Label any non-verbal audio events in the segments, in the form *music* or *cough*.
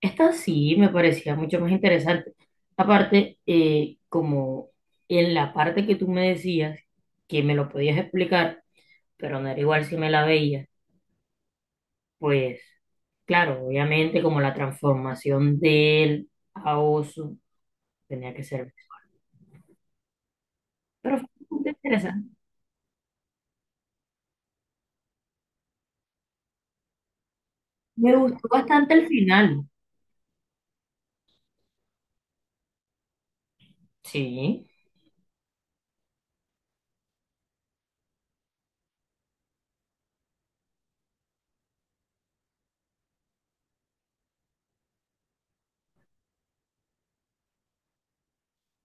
Esta sí me parecía mucho más interesante. Aparte, como en la parte que tú me decías que me lo podías explicar, pero no era igual si me la veías, pues claro, obviamente como la transformación de él a oso tenía que ser. Pero fue bastante interesante. Me gustó bastante el final. Sí,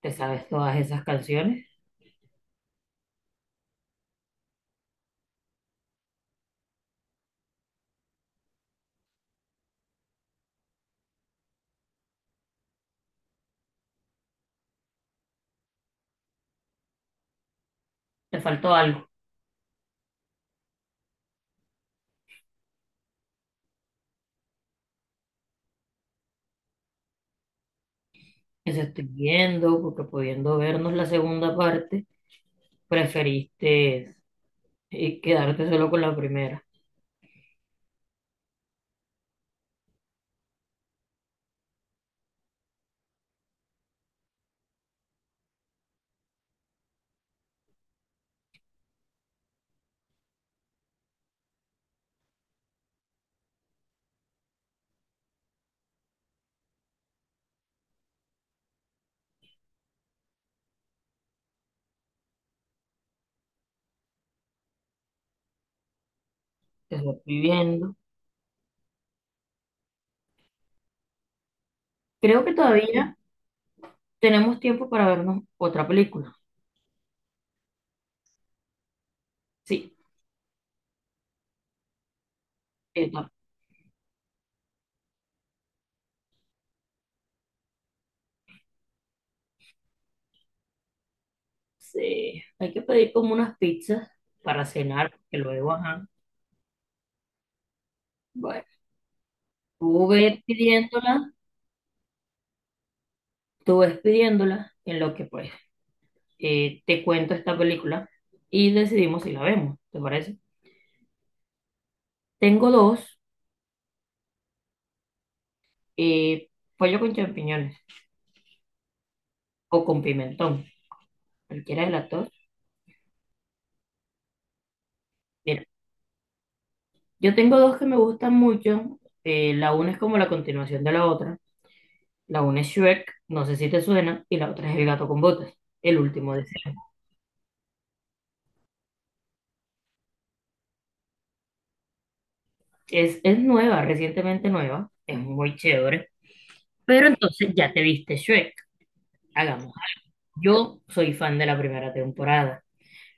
te sabes todas esas canciones. Te faltó algo. Eso estoy viendo, porque pudiendo vernos la segunda parte, preferiste y quedarte solo con la primera. Te estoy viendo. Creo que todavía tenemos tiempo para vernos otra película. Sí, esta. Sí, hay que pedir como unas pizzas para cenar, que luego, ajá. Bueno, tú ves pidiéndola, tú ves pidiéndola, en lo que pues te cuento esta película y decidimos si la vemos, ¿te parece? Tengo dos, eh, pollo con champiñones o con pimentón, cualquiera de las dos. Yo tengo dos que me gustan mucho. La una es como la continuación de la otra. La una es Shrek, no sé si te suena, y la otra es El gato con botas, el último de Shrek. Es nueva, recientemente nueva, es muy chévere. Pero entonces ya te viste Shrek, hagamos. Yo soy fan de la primera temporada,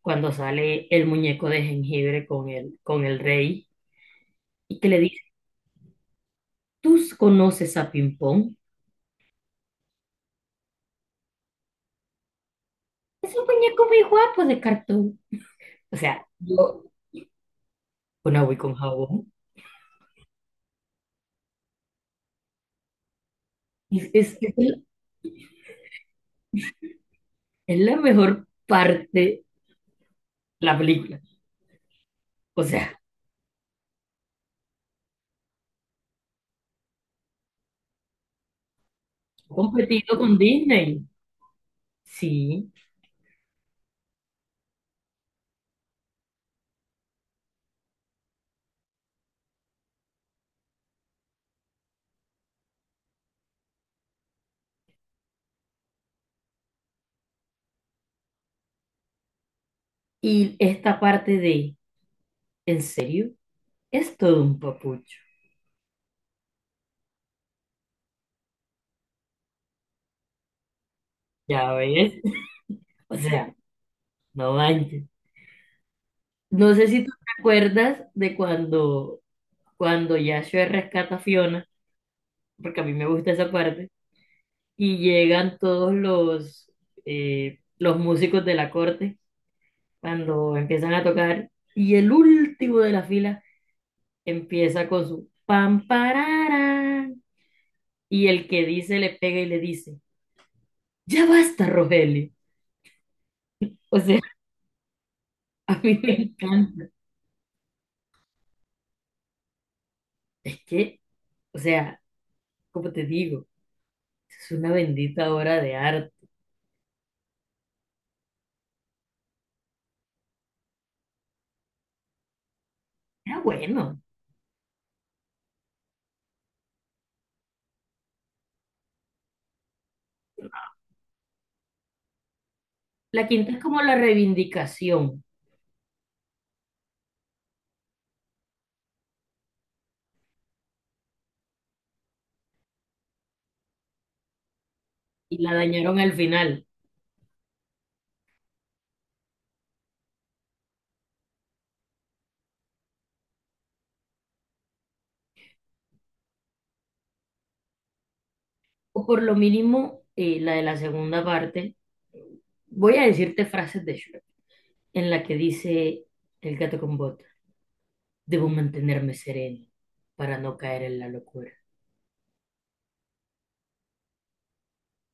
cuando sale el muñeco de jengibre con el rey y que le dice, ¿tú conoces a Ping Pong? Es un muñeco muy guapo de cartón. O sea, yo con agua y con jabón. Y es la mejor parte la película. O sea, ha competido con Disney. Sí. Y esta parte de, ¿en serio? Es todo un papucho. Ya ves. O sea, no manches. No sé si tú te acuerdas de cuando, cuando Yashua rescata a Fiona, porque a mí me gusta esa parte, y llegan todos los músicos de la corte cuando empiezan a tocar, y el último de la fila empieza con su pam parara y el que dice le pega y le dice, ya basta, Rogelio. O sea, *laughs* a mí me encanta. Es que, o sea, como te digo, es una bendita obra de arte. Era bueno. La quinta es como la reivindicación y la dañaron al final. O por lo mínimo, la de la segunda parte. Voy a decirte frases de Shrek en la que dice el gato con botas, debo mantenerme sereno para no caer en la locura.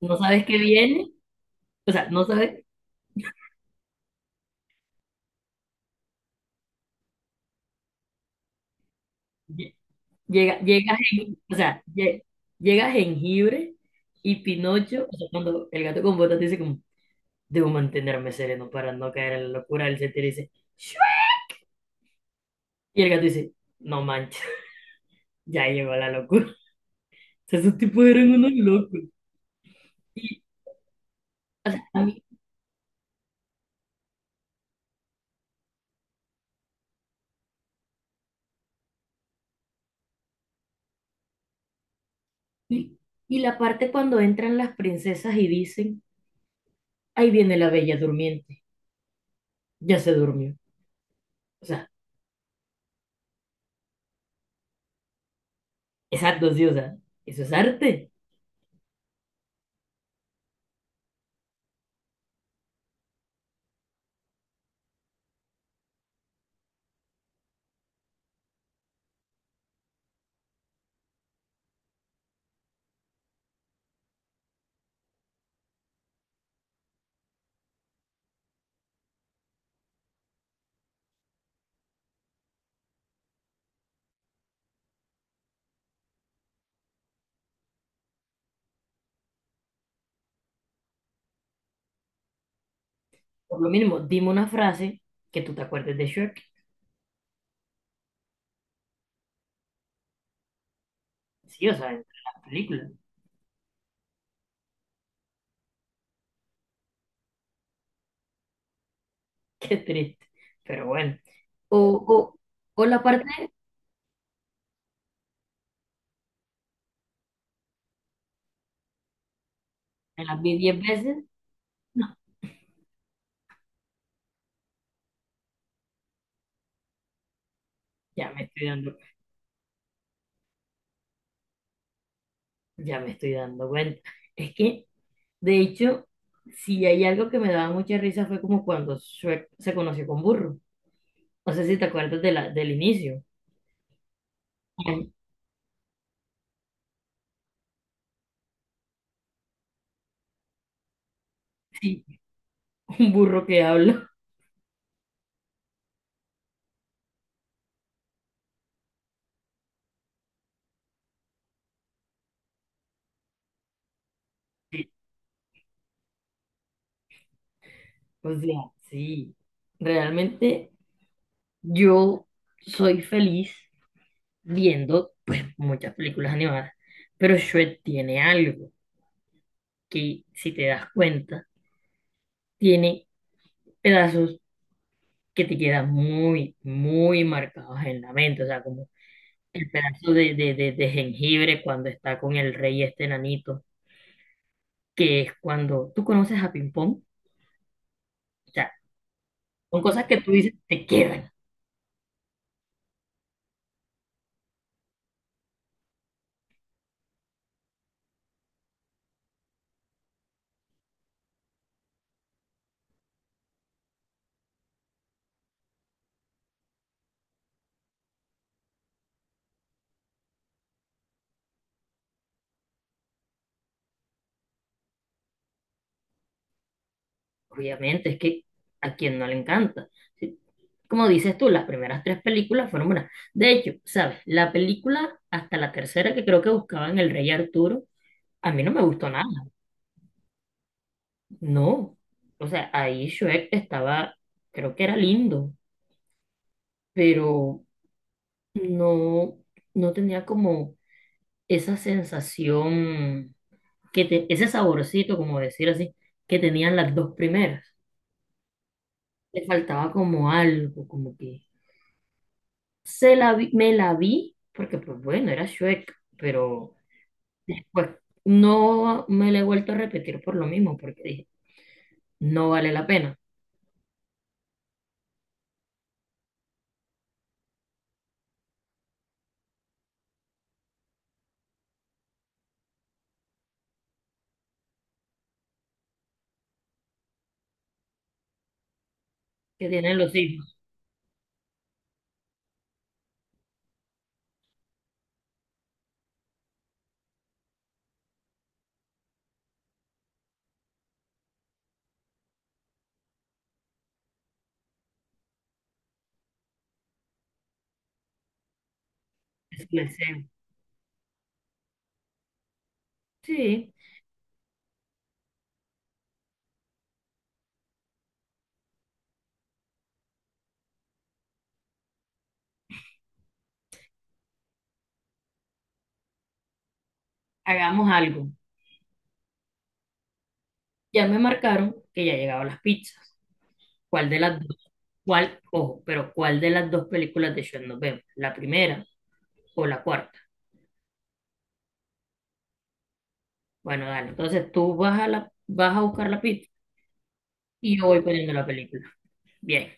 No sabes qué viene, o sea, no sabes, lle- llega, llegas en, o sea, llega jengibre y Pinocho, o sea, cuando el gato con botas dice como, debo mantenerme sereno para no caer en la locura, él se tira y dice, "Shua". Y el gato dice, no manches, *laughs* ya llegó la locura. *laughs* O sea, esos tipos eran unos locos. Y, o sea, y, y la parte cuando entran las princesas y dicen, ahí viene la bella durmiente, ya se durmió. O sea, es arte, sí, o sea, eso es arte. Por lo mínimo, dime una frase que tú te acuerdes de Shrek. Sí, o sea, entre las películas. *laughs* Qué triste, pero bueno. O, o, o la parte, me las vi 10 veces. No, ya me estoy dando, ya me estoy dando cuenta. Es que, de hecho, si hay algo que me daba mucha risa fue como cuando Shrek se conoció con Burro. No sé si te acuerdas de la, del inicio. Ay, sí, *laughs* un burro que habla. Sí, o sea, sí. Realmente yo soy feliz viendo pues muchas películas animadas, pero Shrek tiene algo que si te das cuenta, tiene pedazos que te quedan muy, muy marcados en la mente, o sea, como el pedazo de jengibre cuando está con el rey este enanito, que es cuando tú conoces a Ping Pong, o sea, son cosas que tú dices, te quedan, obviamente, es que a quien no le encanta. Si como dices tú, las primeras 3 películas fueron buenas. De hecho, ¿sabes? La película hasta la tercera que creo que buscaban El Rey Arturo, a mí no me gustó nada. No. O sea, ahí Shrek estaba, creo que era lindo, pero no, no tenía como esa sensación, ese saborcito, como decir así, que tenían las dos primeras. Le faltaba como algo, como que me la vi, porque pues bueno, era Shrek, pero... Después no me la he vuelto a repetir por lo mismo, porque dije, no vale la pena, que tienen los hijos, es el deseo. Sí, hagamos algo. Ya me marcaron que ya llegaban las pizzas. ¿Cuál de las dos? ¿Cuál? Ojo, pero ¿cuál de las dos películas de Shrek nos vemos? ¿La primera o la cuarta? Bueno, dale, entonces tú vas a, la, vas a buscar la pizza y yo voy poniendo la película. Bien.